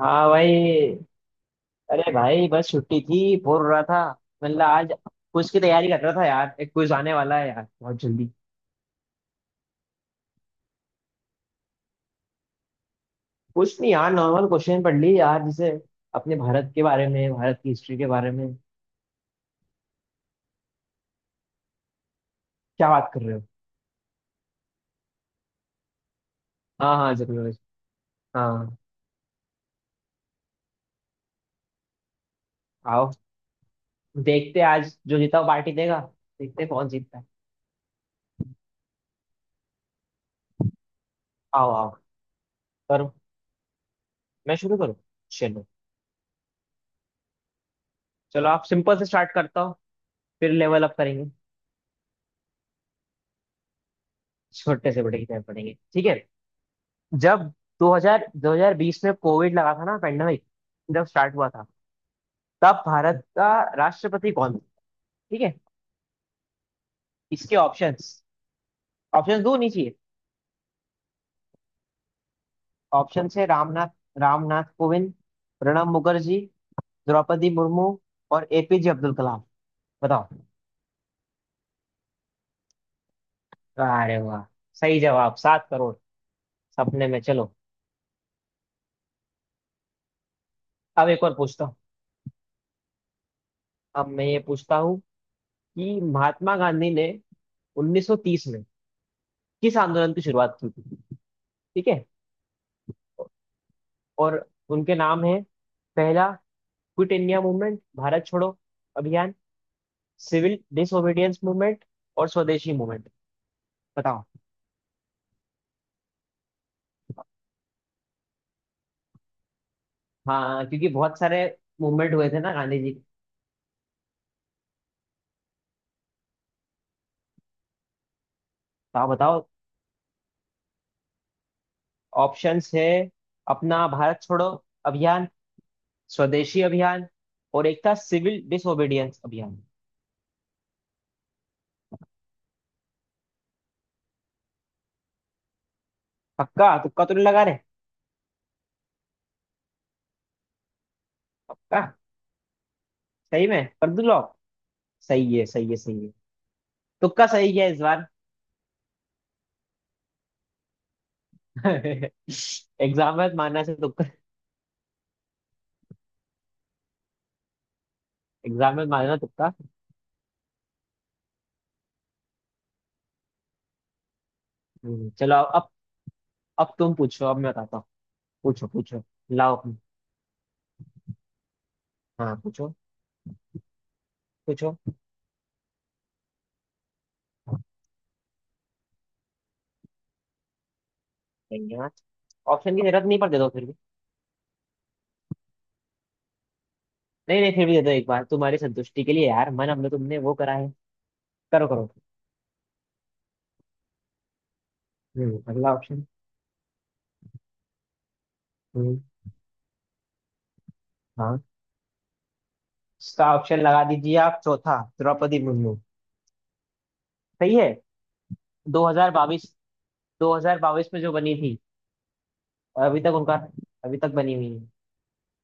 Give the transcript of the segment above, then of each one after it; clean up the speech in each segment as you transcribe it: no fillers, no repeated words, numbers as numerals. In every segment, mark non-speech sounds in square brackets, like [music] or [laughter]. हाँ भाई। अरे भाई, बस छुट्टी थी, बोर हो रहा था। मतलब आज कुछ की तैयारी कर रहा था यार, एक क्विज आने वाला है यार, बहुत जल्दी। कुछ नहीं यार, नॉर्मल क्वेश्चन पढ़ ली यार, जैसे अपने भारत के बारे में, भारत की हिस्ट्री के बारे में। क्या बात कर रहे हो। हाँ हाँ, जरूर। हाँ, आओ। देखते हैं आज जो जीता वो पार्टी देगा। देखते हैं कौन जीतता है। आओ आओ। करो, मैं शुरू करूँ? चलो, चलो आप सिंपल से स्टार्ट करता हूँ। फिर लेवल अप करेंगे। छोटे से बड़े की तरफ बढ़ेंगे, ठीक है। जब 2000 2020 में कोविड लगा था ना, पेंडेमिक जब स्टार्ट हुआ था, तब भारत का राष्ट्रपति कौन था? ठीक है। इसके ऑप्शंस। ऑप्शंस दो, नहीं चाहिए? ऑप्शंस है, रामनाथ रामनाथ कोविंद, प्रणब मुखर्जी, द्रौपदी मुर्मू और एपीजे अब्दुल कलाम। बताओ। अरे वाह! सही जवाब। 7 करोड़ सपने में। चलो। अब एक और पूछता हूँ। अब मैं ये पूछता हूँ कि महात्मा गांधी ने 1930 में किस आंदोलन की शुरुआत की थी? ठीक है। और उनके नाम है, पहला क्विट इंडिया मूवमेंट भारत छोड़ो अभियान, सिविल डिसोबीडियंस मूवमेंट और स्वदेशी मूवमेंट। बताओ। हाँ, क्योंकि बहुत सारे मूवमेंट हुए थे ना गांधी जी के। तो आप बताओ। ऑप्शंस है अपना भारत छोड़ो अभियान, स्वदेशी अभियान और एक था सिविल डिसोबीडियंस अभियान। पक्का? तुक्का तो नहीं लगा रहे? पक्का? सही में कर दूं लॉक? सही है, सही है, सही है। तुक्का सही है इस बार। [laughs] एग्जाम में मानना से तुक्का एग्जाम में मानना तुक्का। चलो, अब तुम पूछो, अब मैं बताता हूँ। पूछो पूछो। लाओ अपनी। हाँ पूछो पूछो यार। ऑप्शन की जरूरत नहीं, पर दे दो फिर भी। नहीं नहीं, फिर भी दे दो एक बार, तुम्हारी संतुष्टि के लिए यार, मन हमने तुमने वो करा है। करो करो। अगला ऑप्शन। हम्म, हाँ। इसका ऑप्शन लगा दीजिए आप, चौथा, द्रौपदी मुर्मू। सही है। 2022 2022 में जो बनी थी, और अभी तक बनी हुई है।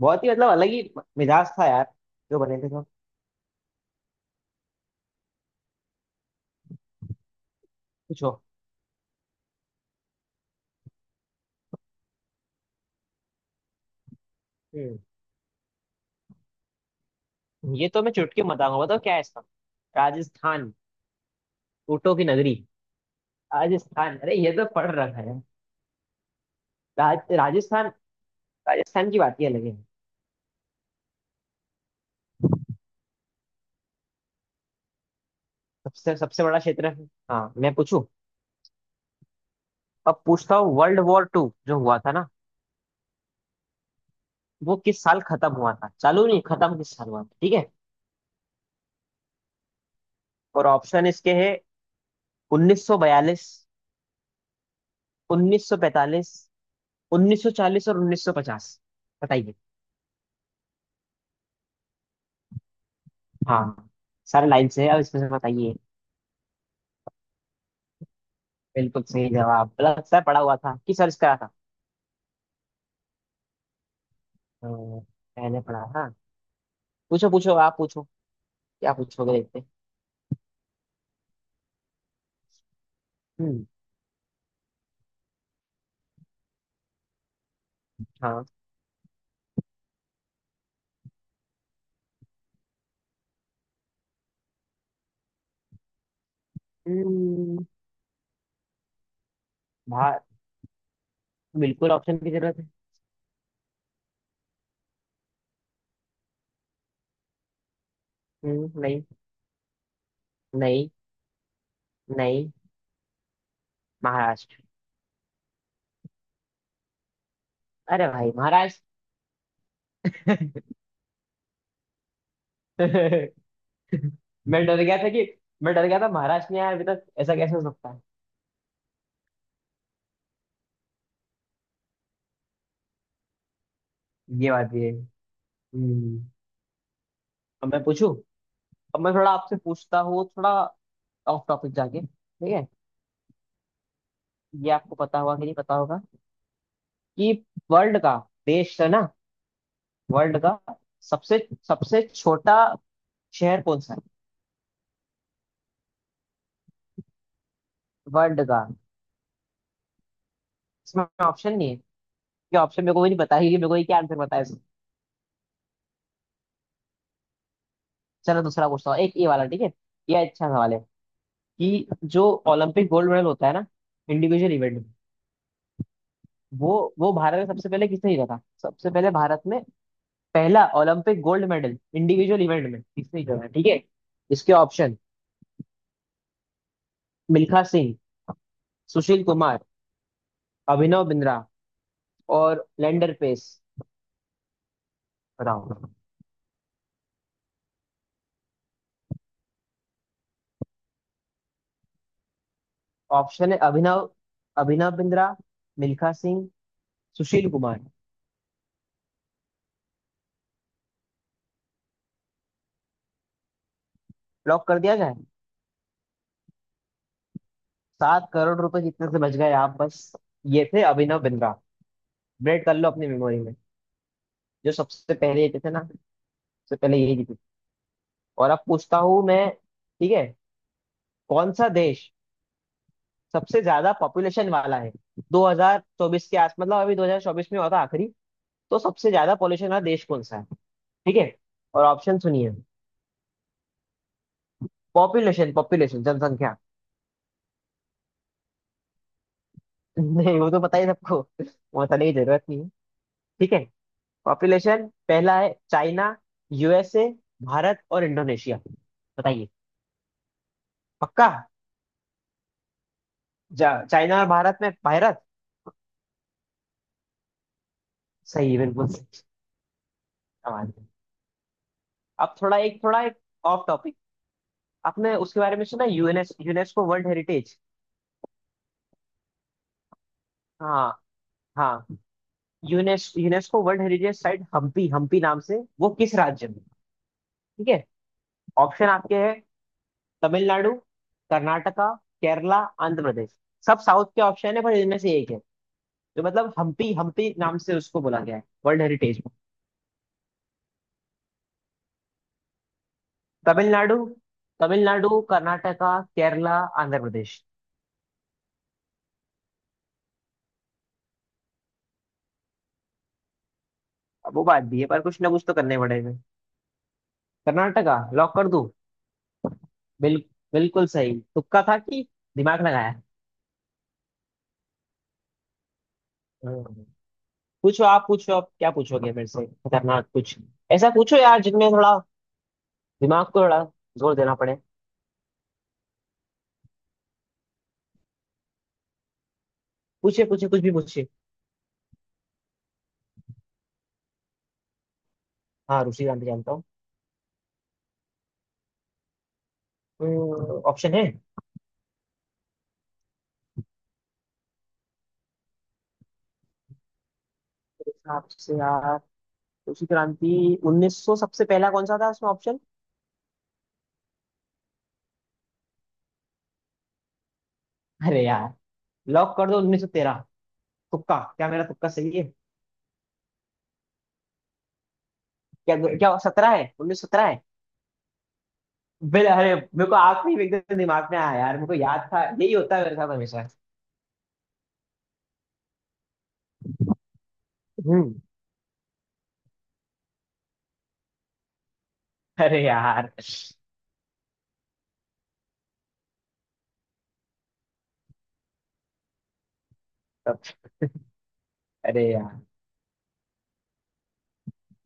बहुत ही मतलब अलग ही मिजाज था यार, जो बने थे तो। पूछो। हम्म। ये तो मैं चुटकी में बताऊंगा। बताओ क्या है इसका। राजस्थान, ऊँटों की नगरी। राजस्थान, अरे ये तो पढ़ रखा है। राजस्थान, राजस्थान की बात ही अलग है। सबसे सबसे बड़ा क्षेत्र है। हाँ, मैं पूछूं? अब पूछता हूँ, वर्ल्ड वॉर टू जो हुआ था ना, वो किस साल खत्म हुआ था? चालू नहीं, खत्म किस साल हुआ था, ठीक है। और ऑप्शन इसके है, 1942, 1945, 1940 और 1950। बताइए। हाँ, सारे लाइन से है, अब इसमें से बताइए। बिल्कुल सही जवाब। लगता है पढ़ा हुआ था, किस साल इसका था। हाँ, मैंने पढ़ा था। पूछो पूछो, आप पूछो क्या पूछोगे देखते हैं। हम्म, हाँ, हम्म। भार बिल्कुल ऑप्शन की जरूरत है। हम्म, नहीं, नहीं, नहीं। महाराष्ट्र। अरे भाई, महाराष्ट्र। [laughs] मैं डर गया था कि मैं डर गया था, महाराष्ट्र में यार अभी तक ऐसा कैसे हो सकता है। ये बात ये है। हम्म अब मैं पूछूं। अब मैं थोड़ा आपसे पूछता हूँ, थोड़ा ऑफ टॉपिक जाके, ठीक है। ये आपको पता होगा कि नहीं पता होगा, कि वर्ल्ड का देश है ना, वर्ल्ड का सबसे सबसे छोटा शहर कौन सा है वर्ल्ड का? इसमें ऑप्शन नहीं है, क्या ऑप्शन। मेरे को भी नहीं पता है कि मेरे को ये क्या आंसर पता है इसमें। चलो दूसरा पूछता हूँ, एक ये वाला, ठीक है। ये अच्छा सवाल है। कि जो ओलंपिक गोल्ड मेडल होता है ना, इंडिविजुअल इवेंट में, वो वो भारत में सबसे पहले किसने जीता था, सबसे पहले भारत में पहला Olympic gold medal individual event में किसने जीता था, ठीक है। इसके ऑप्शन मिल्खा सिंह, सुशील कुमार, अभिनव बिंद्रा और लैंडर पेस। बताओ। ऑप्शन है अभिनव अभिनव बिंद्रा, मिल्खा सिंह, सुशील कुमार। लॉक कर दिया जाए? 7 करोड़ रुपए जितने से बच गए आप बस। ये थे अभिनव बिंद्रा। अपडेट कर लो अपनी मेमोरी में। जो सबसे पहले जीते थे ना, सबसे पहले यही जीते। और अब पूछता हूँ मैं, ठीक है। कौन सा देश सबसे ज्यादा पॉपुलेशन वाला है? 2024 के आस मतलब अभी 2024 में हुआ था आखिरी। तो सबसे ज्यादा पॉपुलेशन वाला देश कौन सा है, ठीक है। और ऑप्शन सुनिए। पॉपुलेशन, पॉपुलेशन, जनसंख्या। नहीं, वो तो पता ही सबको, वो बताने की जरूरत नहीं है, ठीक है। पॉपुलेशन। पहला है चाइना, यूएसए, भारत और इंडोनेशिया। बताइए। पक्का। चाइना और भारत में, भारत। सही है, बिल्कुल सही। आवाज है। अब थोड़ा एक ऑफ टॉपिक। आपने उसके बारे में सुना यूनेस्को वर्ल्ड हेरिटेज? हाँ, हाँ। UNESCO world heritage site Hampi, Hampi नाम से वो किस राज्य में, ठीक है। ऑप्शन आपके हैं, तमिलनाडु, कर्नाटका, केरला, आंध्र प्रदेश। सब साउथ के ऑप्शन है, पर इनमें से एक है। तो मतलब हम्पी, हम्पी नाम से उसको बोला गया है वर्ल्ड हेरिटेज में। तमिलनाडु, तमिलनाडु, कर्नाटका, केरला, आंध्र प्रदेश। अब वो बात भी है, पर कुछ ना कुछ तो करने पड़ेगा। कर्नाटका लॉक कर दूं? बिल, बिल्कुल सही। तुक्का था कि दिमाग लगाया? हम्म। पूछो आप क्या पूछोगे मेरे से, खतरनाक कुछ। ऐसा पूछो यार जिनमें थोड़ा दिमाग को थोड़ा जोर देना पड़े। पूछे पूछे, कुछ भी पूछे। हाँ, रुचि जानते जानता हूँ। ऑप्शन है मेरे हिसाब से यार, कृषि क्रांति। 1900? सबसे पहला कौन सा था उसमें ऑप्शन? अरे यार, लॉक कर दो 1913। तुक्का, क्या मेरा तुक्का सही है? क्या क्या सत्रह है, 1917 है? बिल अरे मेरे को आखिरी में एकदम दिमाग में आया यार, मेरे को याद था, यही होता है मेरे साथ हमेशा। हम्म। अरे यार, अरे यार,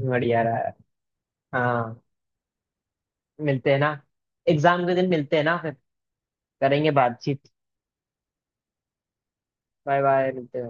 बढ़िया यार। हाँ। मिलते हैं ना। एग्जाम के दिन मिलते हैं ना फिर, करेंगे बातचीत। बाय बाय, मिलते हैं।